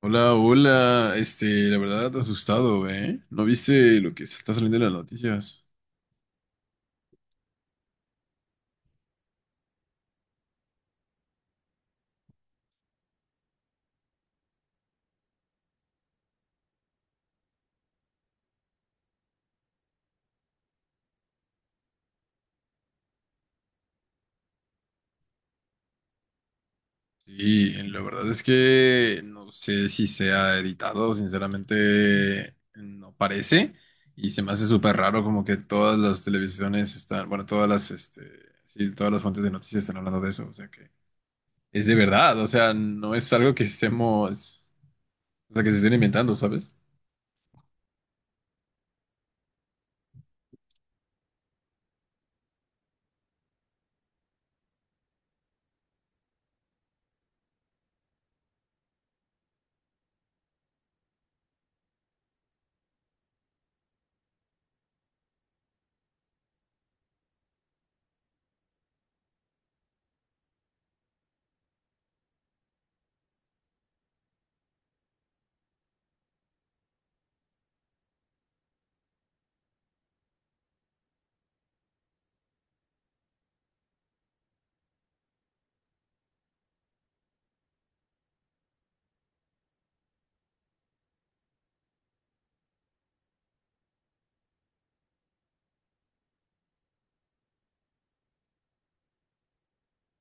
Hola, hola. La verdad, asustado, ¿eh? ¿No viste lo que se está saliendo en las noticias? Sí, la verdad es que no sé si sea editado, sinceramente no parece. Y se me hace súper raro como que todas las televisiones están, bueno, todas las, sí, todas las fuentes de noticias están hablando de eso. O sea que es de verdad, o sea, no es algo que estemos, o sea, que se estén inventando, ¿sabes?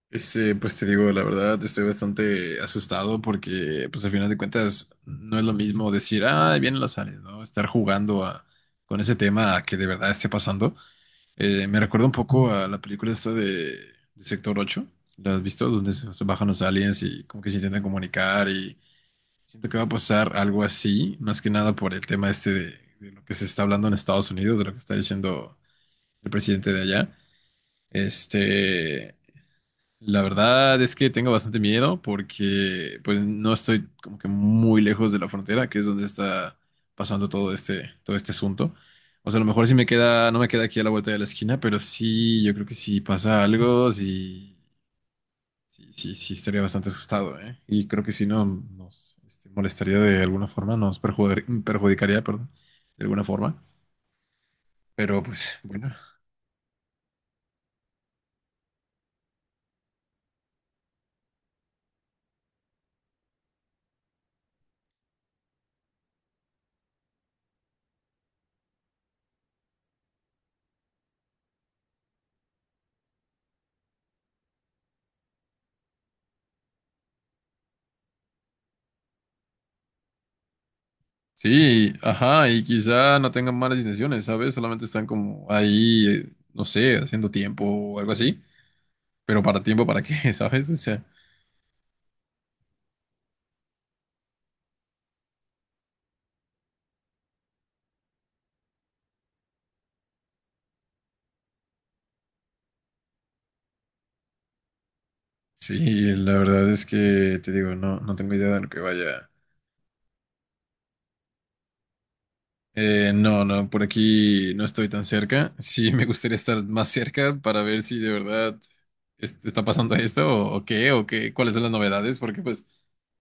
Pues te digo, la verdad, estoy bastante asustado porque, pues al final de cuentas, no es lo mismo decir, ah, ahí vienen los aliens, ¿no? Con ese tema a que de verdad esté pasando. Me recuerda un poco a la película esta de Sector 8, ¿la has visto? Donde se bajan los aliens y como que se intentan comunicar y siento que va a pasar algo así, más que nada por el tema de lo que se está hablando en Estados Unidos, de lo que está diciendo el presidente de allá. Este. La verdad es que tengo bastante miedo porque pues no estoy como que muy lejos de la frontera, que es donde está pasando todo este asunto. O sea, a lo mejor sí me queda, no me queda aquí a la vuelta de la esquina, pero sí, yo creo que si pasa algo, sí, sí, sí estaría bastante asustado, ¿eh? Y creo que si no nos molestaría de alguna forma, nos perjudicaría, perdón, de alguna forma. Pero pues bueno, sí, ajá, y quizá no tengan malas intenciones, ¿sabes? Solamente están como ahí, no sé, haciendo tiempo o algo así. Pero para tiempo, ¿para qué? ¿Sabes? O sea, sí, la verdad es que te digo, no, no tengo idea de lo que vaya. No, no, por aquí no estoy tan cerca. Sí, me gustaría estar más cerca para ver si de verdad está pasando esto o qué, cuáles son las novedades, porque pues,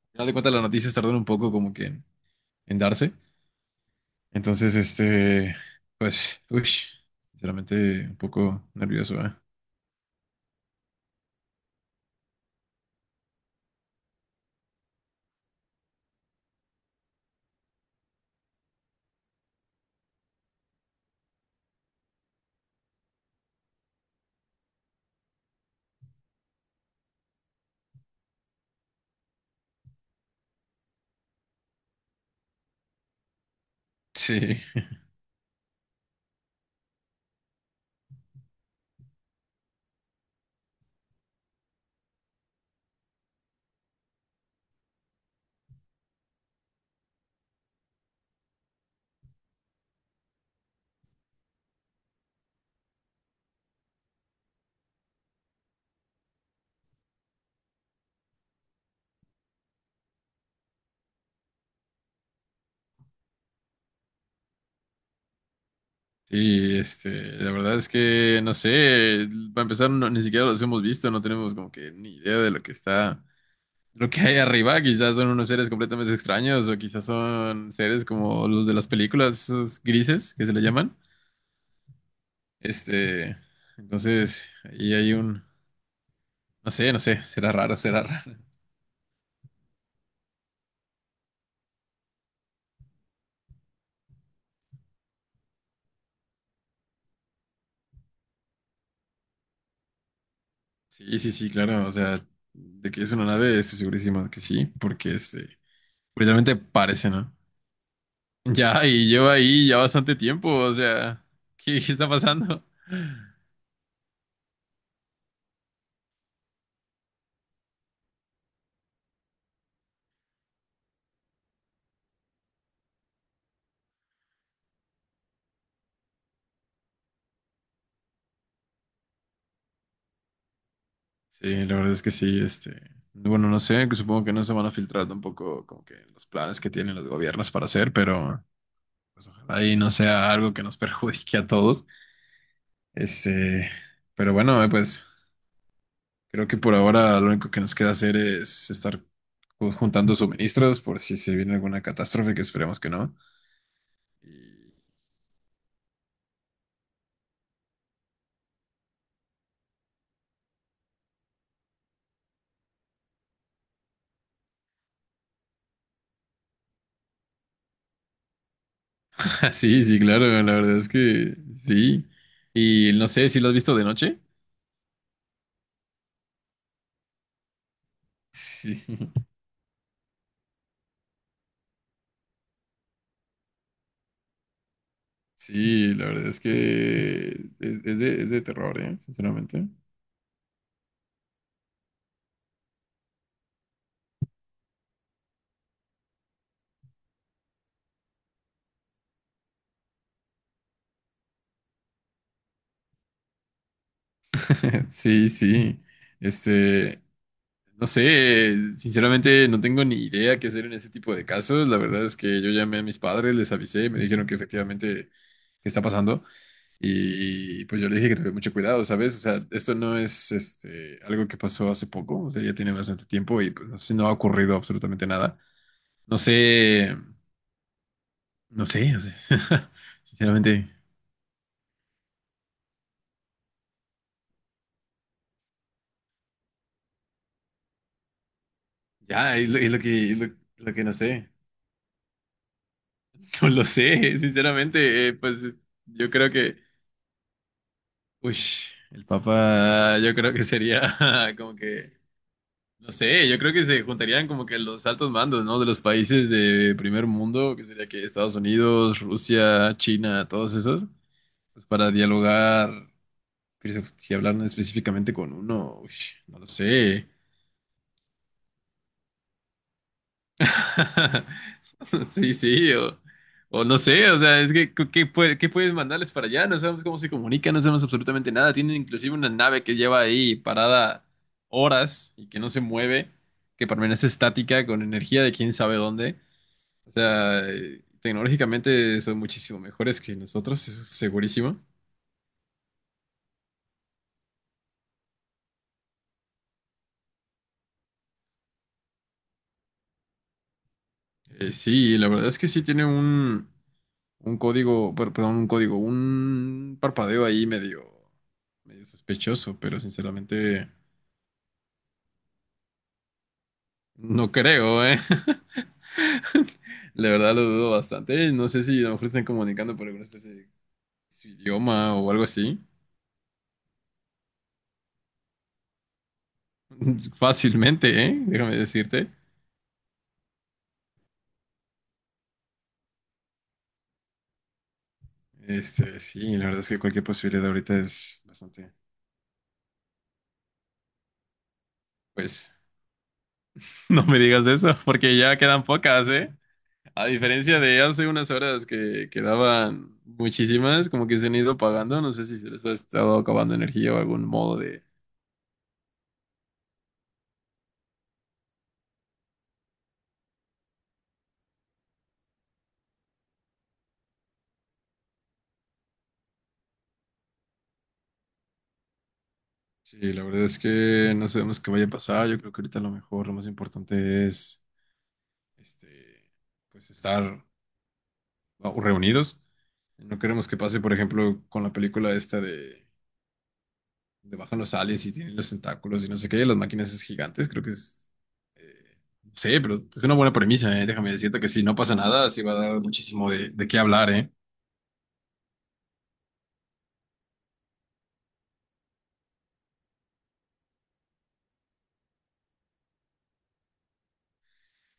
al final de cuentas las noticias tardan un poco como que en darse. Entonces, pues, uy, sinceramente un poco nervioso, ¿eh? Sí, sí, la verdad es que no sé, para empezar, ni siquiera los hemos visto, no tenemos como que ni idea de lo que está, lo que hay arriba, quizás son unos seres completamente extraños o quizás son seres como los de las películas, esos grises que se le llaman. Este, entonces, ahí hay un, no sé, no sé, será raro, será raro. Sí, sí, sí, claro, o sea, de que es una nave, estoy segurísimo de que sí, porque literalmente parece, ¿no? Ya, y lleva ahí ya bastante tiempo, o sea, ¿qué, qué está pasando? Sí, la verdad es que sí, bueno, no sé, que supongo que no se van a filtrar tampoco como que los planes que tienen los gobiernos para hacer, pero pues ojalá y no sea algo que nos perjudique a todos, este, pero bueno, pues. Creo que por ahora lo único que nos queda hacer es estar juntando suministros por si se viene alguna catástrofe, que esperemos que no. Y- sí, sí, claro, la verdad es que sí. Y no sé si lo has visto de noche. Sí, sí, la verdad es que es de terror, ¿eh? Sinceramente. Sí, sí. Este, no sé, sinceramente no tengo ni idea qué hacer en este tipo de casos. La verdad es que yo llamé a mis padres, les avisé, me dijeron que efectivamente qué está pasando. Y pues yo le dije que tuviera mucho cuidado, ¿sabes? O sea, esto no es algo que pasó hace poco, o sea, ya tiene bastante tiempo y pues así no ha ocurrido absolutamente nada. No sé, no sé, no sé. Sinceramente, ya, es lo que no sé. No lo sé, sinceramente, pues yo creo que, uy, el Papa, yo creo que sería como que no sé, yo creo que se juntarían como que los altos mandos, ¿no? De los países de primer mundo, que sería que Estados Unidos, Rusia, China, todos esos, pues para dialogar, pero si hablaran específicamente con uno, uy, no lo sé. Sí, sí, o no sé, o sea, es que ¿qué, qué qué puedes mandarles para allá? No sabemos cómo se comunican, no sabemos absolutamente nada. Tienen inclusive una nave que lleva ahí parada horas y que no se mueve, que permanece estática con energía de quién sabe dónde. O sea, tecnológicamente son muchísimo mejores que nosotros, eso es segurísimo. Sí, la verdad es que sí tiene un código, perdón, un código, un parpadeo ahí medio, medio sospechoso, pero sinceramente no creo, ¿eh? La verdad lo dudo bastante. No sé si a lo mejor están comunicando por alguna especie de su idioma o algo así. Fácilmente, ¿eh? Déjame decirte. Sí, la verdad es que cualquier posibilidad ahorita es bastante, pues. No me digas eso, porque ya quedan pocas, ¿eh? A diferencia de hace unas horas que quedaban muchísimas, como que se han ido pagando. No sé si se les ha estado acabando energía o algún modo de... Sí, la verdad es que no sabemos qué vaya a pasar. Yo creo que ahorita lo mejor, lo más importante es, este, pues estar reunidos. No queremos que pase, por ejemplo, con la película esta de... donde bajan los aliens y tienen los tentáculos y no sé qué, las máquinas es gigantes, creo que es... no sé, pero es una buena premisa, ¿eh? Déjame decirte que si no pasa nada, sí va a dar muchísimo de qué hablar, ¿eh?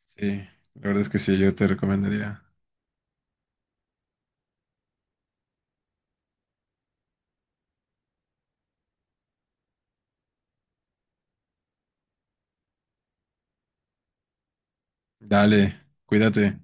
Sí, la verdad es que sí, yo te recomendaría. Dale, cuídate.